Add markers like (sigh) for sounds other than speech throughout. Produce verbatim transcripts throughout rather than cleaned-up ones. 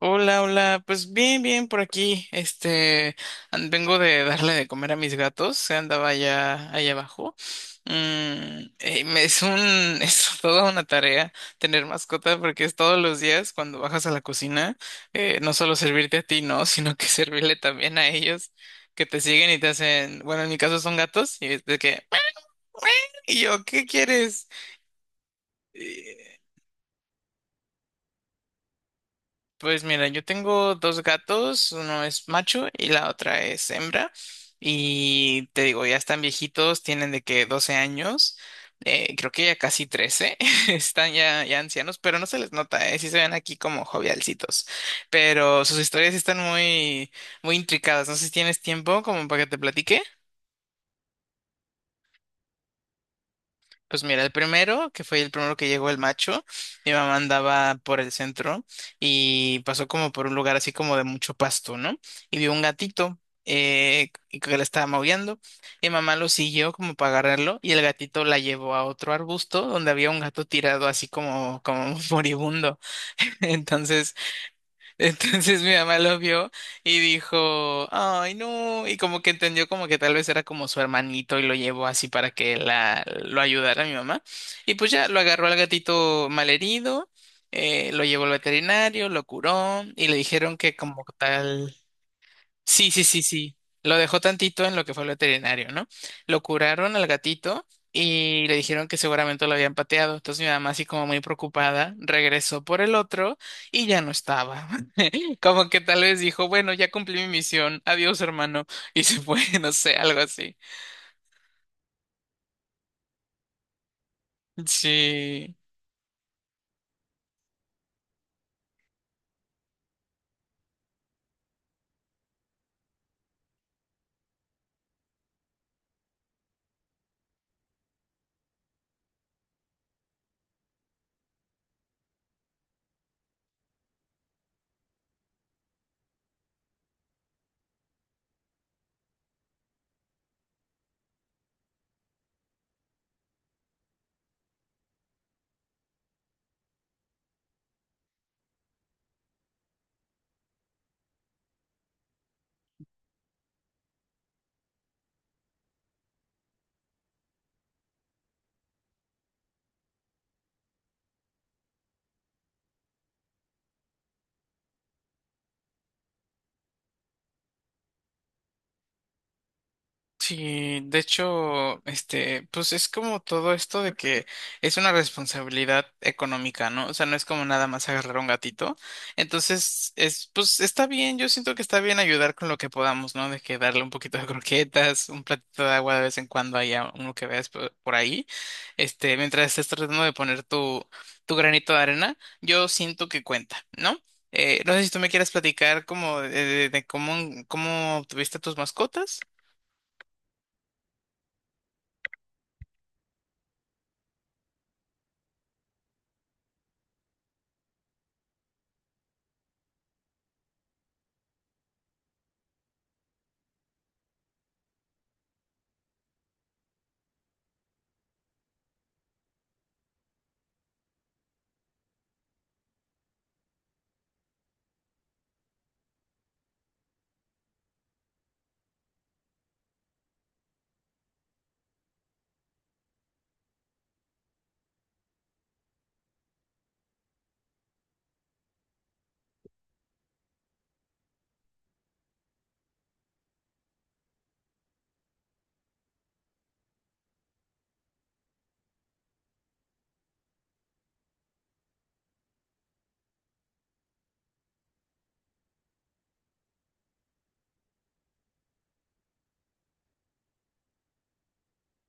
Hola, hola, pues bien, bien por aquí. Este, an- vengo de darle de comer a mis gatos, se andaba allá, allá abajo. Mm, eh, me- es un, (laughs) es toda una tarea tener mascota porque es todos los días cuando bajas a la cocina, eh, no solo servirte a ti, no, sino que (laughs) servirle también a ellos que te siguen y te hacen, bueno, en mi caso son gatos y es de que, (laughs) y yo, ¿qué quieres? Pues mira, yo tengo dos gatos, uno es macho y la otra es hembra. Y te digo, ya están viejitos, tienen de que doce años, eh, creo que ya casi trece, (laughs) están ya, ya ancianos, pero no se les nota, eh, sí se ven aquí como jovialcitos. Pero sus historias sí están muy, muy intricadas. No sé si tienes tiempo como para que te platique. Pues mira, el primero, que fue el primero que llegó el macho, mi mamá andaba por el centro y pasó como por un lugar así como de mucho pasto, ¿no? Y vio un gatito eh, y que le estaba maullando. Mi mamá lo siguió como para agarrarlo y el gatito la llevó a otro arbusto donde había un gato tirado así como, como (laughs) moribundo. (laughs) Entonces entonces mi mamá lo vio y dijo, ay, no, y como que entendió como que tal vez era como su hermanito y lo llevó así para que la, lo ayudara mi mamá. Y pues ya lo agarró al gatito malherido, eh, lo llevó al veterinario, lo curó y le dijeron que como tal... Sí, sí, sí, sí. Lo dejó tantito en lo que fue el veterinario, ¿no? Lo curaron al gatito y le dijeron que seguramente lo habían pateado. Entonces mi mamá, así como muy preocupada, regresó por el otro y ya no estaba. (laughs) Como que tal vez dijo, bueno, ya cumplí mi misión, adiós, hermano, y se fue, (laughs) no sé, algo así. Sí. Sí, de hecho, este, pues es como todo esto de que es una responsabilidad económica, ¿no? O sea, no es como nada más agarrar un gatito. Entonces, es, pues está bien, yo siento que está bien ayudar con lo que podamos, ¿no? De que darle un poquito de croquetas, un platito de agua de vez en cuando haya uno que veas por, por ahí. Este, mientras estés tratando de poner tu, tu granito de arena, yo siento que cuenta, ¿no? Eh, no sé si tú me quieres platicar como de, de- de cómo, cómo tuviste tus mascotas.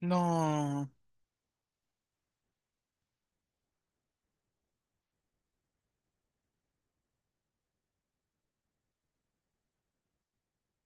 No,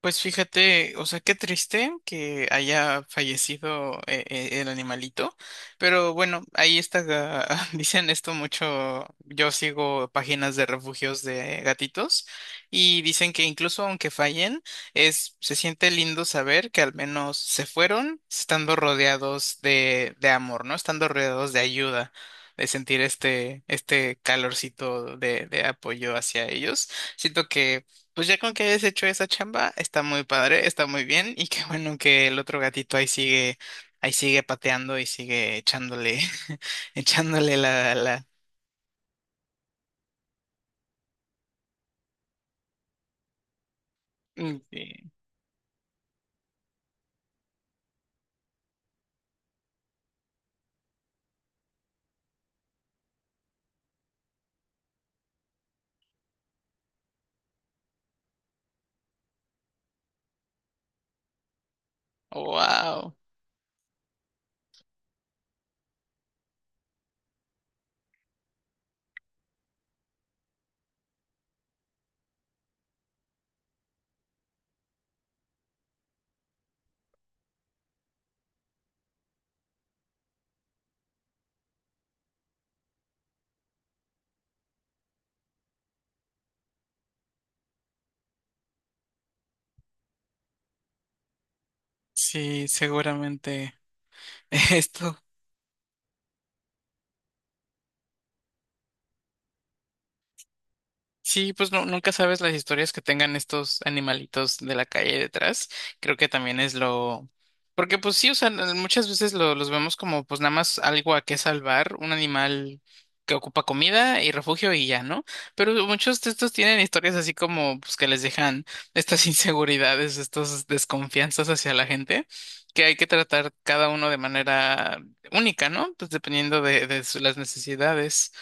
pues fíjate, o sea, qué triste que haya fallecido eh, eh, el animalito, pero bueno, ahí está, ga- (laughs) dicen esto mucho, yo sigo páginas de refugios de gatitos y dicen que incluso aunque fallen, es, se siente lindo saber que al menos se fueron estando rodeados de, de amor, ¿no? Estando rodeados de ayuda. De sentir este, este calorcito de, de apoyo hacia ellos. Siento que pues ya con que hayas hecho esa chamba, está muy padre, está muy bien y qué bueno que el otro gatito ahí sigue, ahí sigue pateando y sigue echándole, (laughs) echándole la, la. Wow. Sí, seguramente (laughs) esto. Sí, pues no, nunca sabes las historias que tengan estos animalitos de la calle detrás. Creo que también es lo... Porque pues sí, o sea, l- muchas veces lo- los vemos como pues nada más algo a qué salvar, un animal que ocupa comida y refugio y ya, ¿no? Pero muchos de estos tienen historias así como pues que les dejan estas (laughs) inseguridades, estas desconfianzas hacia la gente, que hay que tratar cada uno de manera única, ¿no? Pues dependiendo de, de su- las necesidades.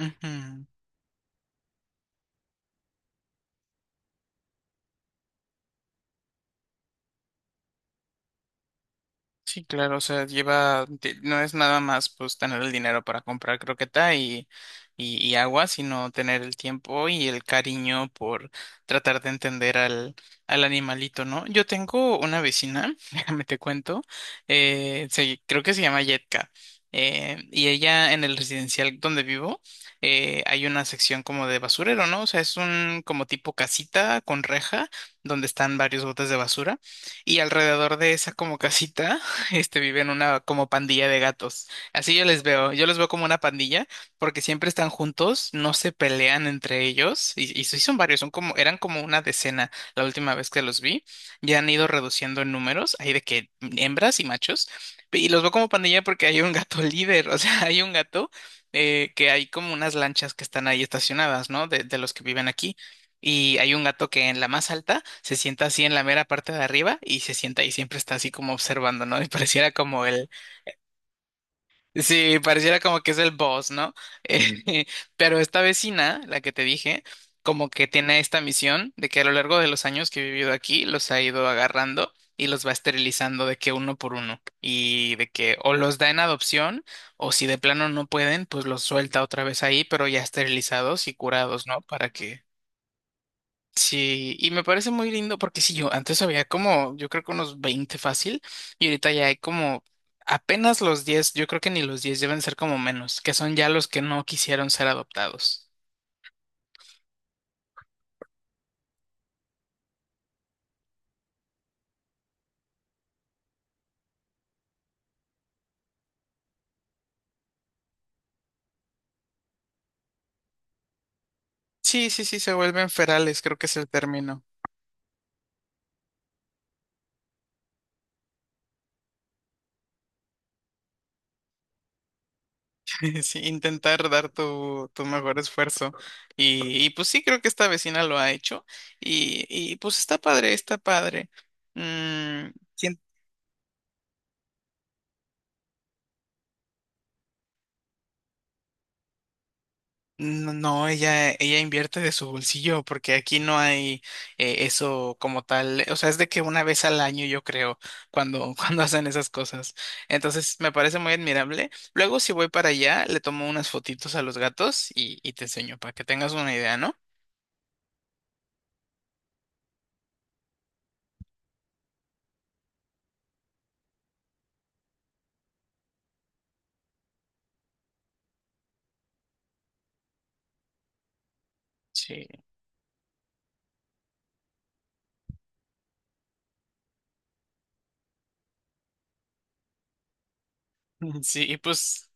Ujú. Sí, claro, o sea, lleva, te- no es nada más pues tener el dinero para comprar croqueta y, y, y agua, sino tener el tiempo y el cariño por tratar de entender al, al animalito, ¿no? Yo tengo una vecina, (laughs) déjame te cuento, eh, se- creo que se llama Yetka, eh, y ella en el residencial donde vivo, eh, hay una sección como de basurero, ¿no? O sea, es un como tipo casita con reja donde están varios botes de basura y alrededor de esa como casita (laughs) este, viven una como pandilla de gatos. Así yo les veo, yo los veo como una pandilla porque siempre están juntos, no se pelean entre ellos y, y sí son varios, son como, eran como una decena la última vez que los vi. Ya han ido reduciendo en números, hay de que hembras y machos. Y los veo como pandilla porque hay un gato líder, (laughs) o sea, hay un gato eh, que hay como unas lanchas que están ahí estacionadas, ¿no? De, de los que viven aquí. Y hay un gato que en la más alta se sienta así en la mera parte de arriba y se sienta y siempre está así como observando, ¿no? (laughs) Y pareciera como el, sí, pareciera como que es el boss, ¿no? Eh, (laughs) pero esta vecina, la que te dije, como que tiene esta misión de que a lo largo de los años que he vivido aquí, los ha ido agarrando y los va esterilizando de que uno por uno y de que o los da en adopción o si de plano no pueden, pues los suelta otra vez ahí, pero ya esterilizados y curados, ¿no? Para que sí, y me parece muy lindo porque sí, yo antes había como, yo creo que unos veinte fácil, y ahorita ya hay como apenas los diez, yo creo que ni los diez deben ser como menos, que son ya los que no quisieron ser adoptados. Sí, sí, sí, se vuelven ferales, creo que es el término. (laughs) Sí, intentar dar tu, tu mejor esfuerzo. Y, y pues sí, creo que esta vecina lo ha hecho. Y, y pues está padre, está padre. Mm. No, no, ella, ella invierte de su bolsillo porque aquí no hay eh, eso como tal. O sea, es de que una vez al año yo creo cuando, (laughs) cuando hacen esas cosas. Entonces me parece muy admirable. Luego si voy para allá, le tomo unas fotitos a los gatos y, y te enseño para que tengas una idea, ¿no? Sí. (laughs) Sí, y pues,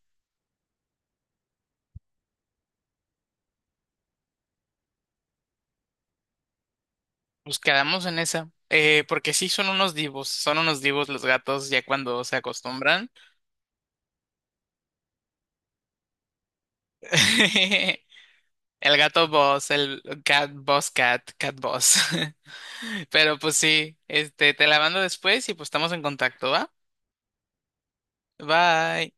pues quedamos en esa. Eh, porque sí son unos divos, son unos divos los gatos ya cuando se acostumbran. (laughs) El gato boss, el cat boss cat, cat boss. (laughs) Pero pues sí, este, te la mando después y pues estamos en contacto, ¿va? Bye.